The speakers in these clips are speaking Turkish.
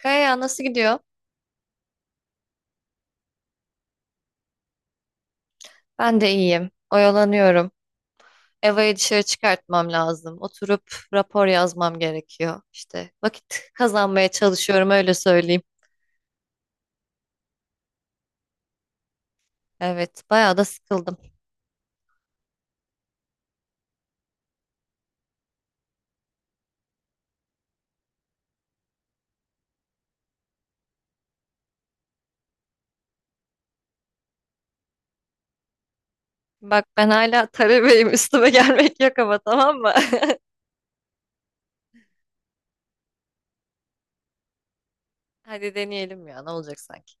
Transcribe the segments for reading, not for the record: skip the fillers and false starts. Kaya nasıl gidiyor? Ben de iyiyim. Oyalanıyorum. Eva'yı dışarı çıkartmam lazım. Oturup rapor yazmam gerekiyor. İşte vakit kazanmaya çalışıyorum öyle söyleyeyim. Evet, bayağı da sıkıldım. Bak ben hala talebeyim. Üstüme gelmek yok ama tamam mı? Hadi deneyelim ya ne olacak sanki.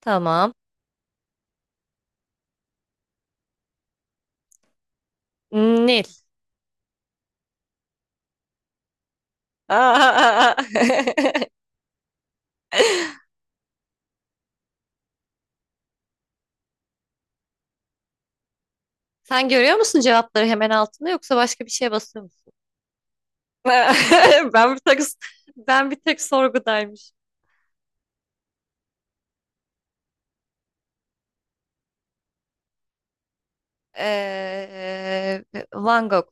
Tamam. Nil. Aa! Sen görüyor musun cevapları hemen altında yoksa başka bir şeye basıyor musun? Ben bir tek ben bir tek sorgudaymış. Ee, Van Gogh.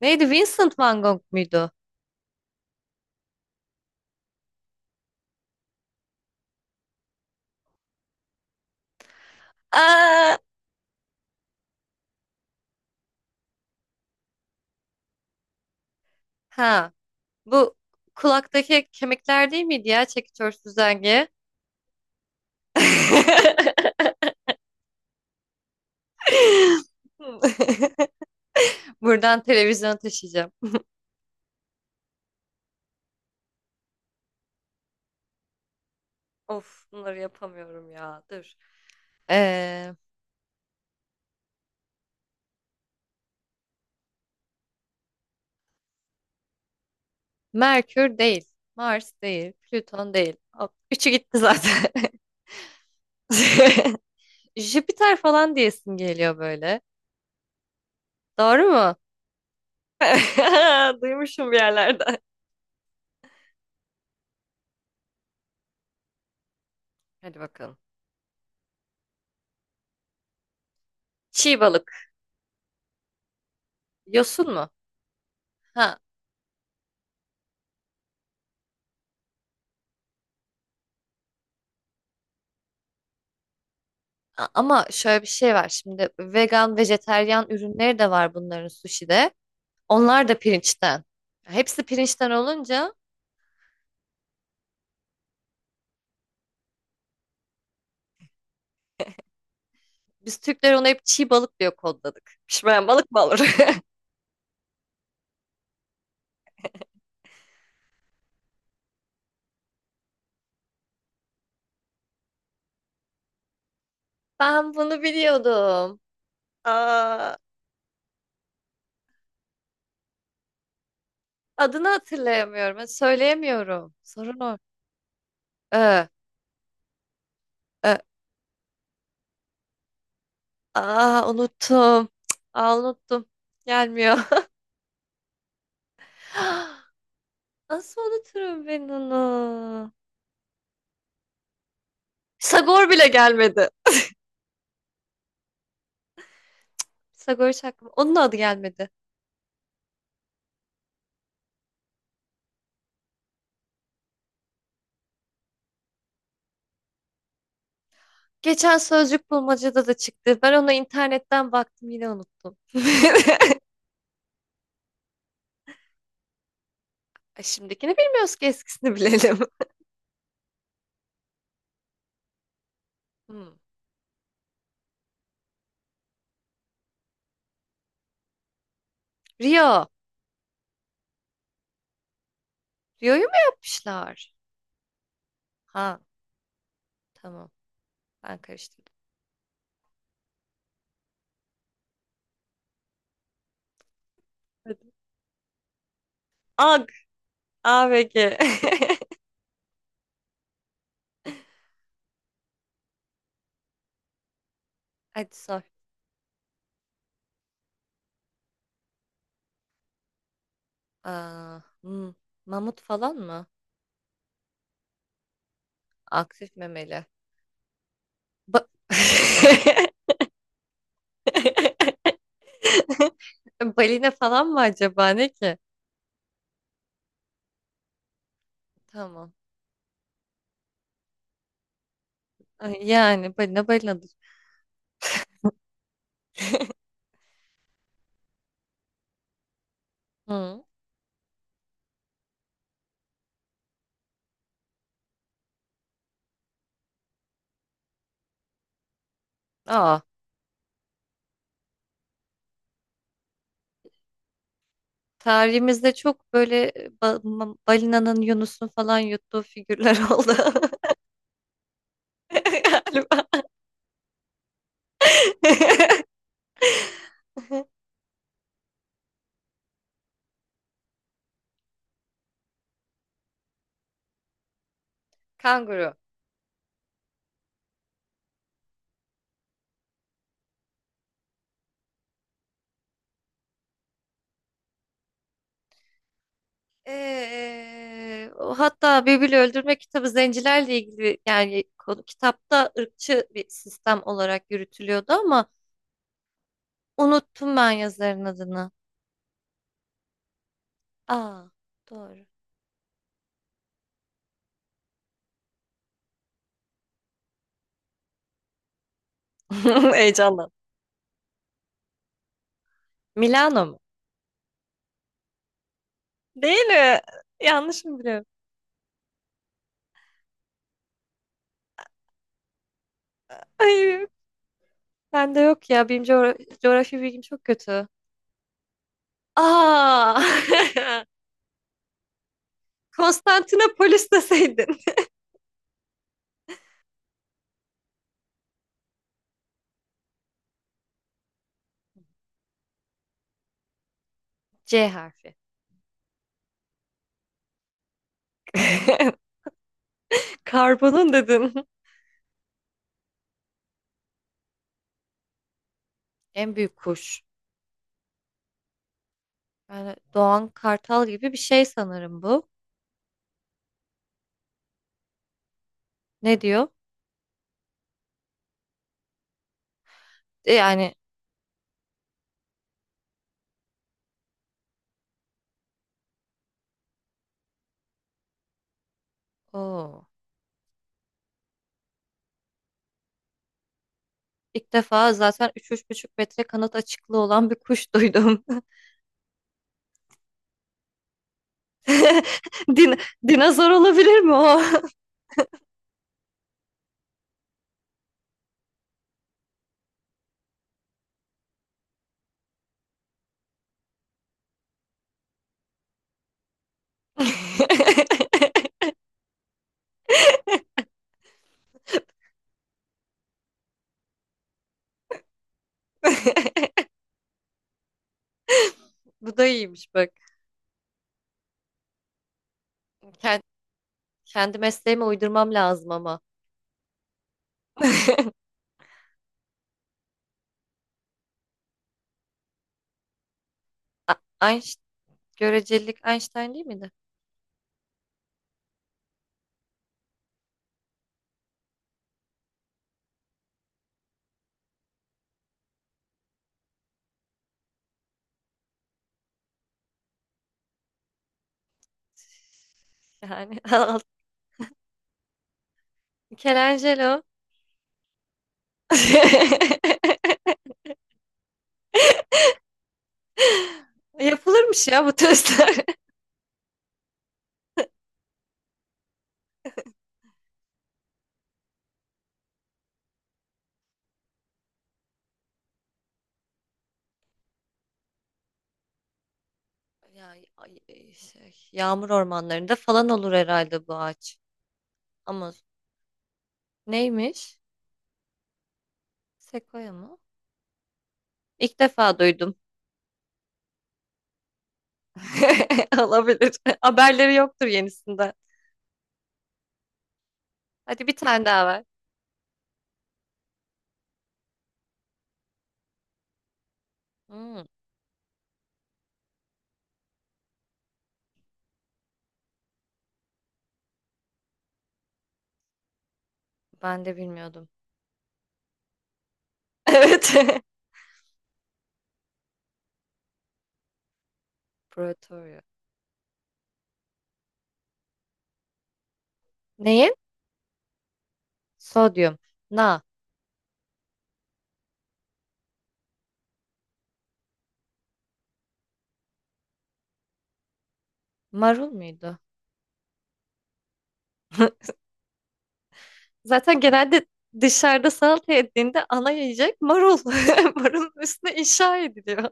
Neydi? Vincent Van Gogh muydu? Aa, ha. Bu kulaktaki kemikler değil miydi ya çekiç örsüz dengi? Buradan televizyona taşıyacağım. Of, bunları yapamıyorum ya. Dur. Ee, Merkür değil. Mars değil. Plüton değil. Hop, üçü gitti zaten. Jüpiter falan diyesim geliyor böyle. Doğru mu? Duymuşum bir yerlerden. Hadi bakalım. Çiğ balık. Yosun mu? Ha. Ama şöyle bir şey var. Şimdi vegan, vejeteryan ürünleri de var bunların sushi'de. Onlar da pirinçten. Hepsi pirinçten olunca biz Türkler ona hep çiğ balık diyor kodladık. Pişmeyen balık mı olur? Ben bunu biliyordum. Aa, adını hatırlayamıyorum. Söyleyemiyorum. Sorun o. Ee, e, aa, unuttum. Cık, aa, unuttum. Gelmiyor. Nasıl unuturum ben onu? Sagor bile gelmedi. Sagor hiç aklıma. Onun adı gelmedi. Geçen sözcük bulmacada da çıktı. Ben ona internetten baktım yine unuttum. Ay, şimdikini bilmiyoruz ki eskisini bilelim. Hmm. Rio. Rio'yu mu yapmışlar? Ha, tamam. Ben karıştırdım. Hadi. Ag. A ve G. Hadi sor. Aa, hmm. Mamut falan mı? Aktif memeli. Ba- Balina falan mı acaba ne ki? Tamam. Ay, yani balina balinadır. Hı. Aa, tarihimizde çok böyle balinanın Yunus'un falan yuttuğu figürler oldu galiba. Kanguru. O hatta Bibili Öldürme kitabı zencilerle ilgili yani kitapta ırkçı bir sistem olarak yürütülüyordu ama unuttum ben yazarın adını. Aa, doğru. Heyecandan. Milano mu? Değil mi? Yanlış mı biliyorum? Ay, ben de yok ya. Benim coğrafya bilgim çok kötü. Aa! Konstantinopolis deseydin. C harfi. Karbonun dedin. En büyük kuş. Yani Doğan Kartal gibi bir şey sanırım bu. Ne diyor? Yani o ilk defa zaten 3-3,5 metre kanat açıklığı olan bir kuş duydum. Din dinozor olabilir mi o? Bu da iyiymiş bak. Kendi, kendi mesleğime uydurmam lazım ama. A- Einst- görecelik Einstein değil miydi? Yani Michelangelo. Yapılırmış ya bu testler. Ya, ay, şey, yağmur ormanlarında falan olur herhalde bu ağaç. Ama neymiş? Sekoya mı? İlk defa duydum. Olabilir. Haberleri yoktur yenisinden. Hadi bir tane daha ver. Hmm, ben de bilmiyordum. Evet. Proletarya. Neyin? Sodyum. Na. Marul muydu? Zaten genelde dışarıda salata yediğinde ana yiyecek marul. Marulun üstüne inşa ediliyor.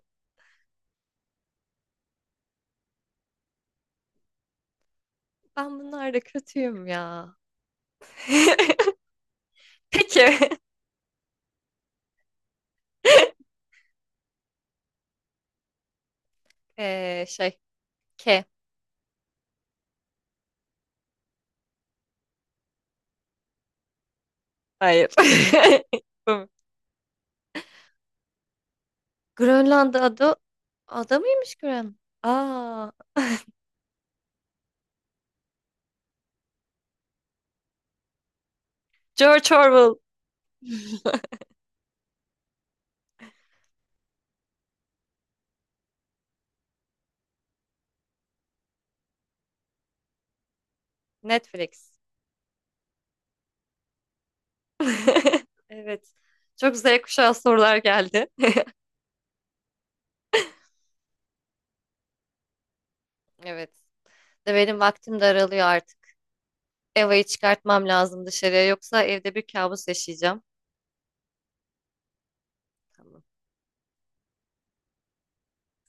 Ben bunlarda kötüyüm ya. Peki. Şey. K. Hayır. Bu- Grönland'da adı ada mıymış Grön? Aa, George Orwell. Netflix. Evet. Çok Z kuşağı sorular geldi. Evet. De benim vaktim de aralıyor artık. Eva'yı çıkartmam lazım dışarıya yoksa evde bir kabus yaşayacağım. Tamam.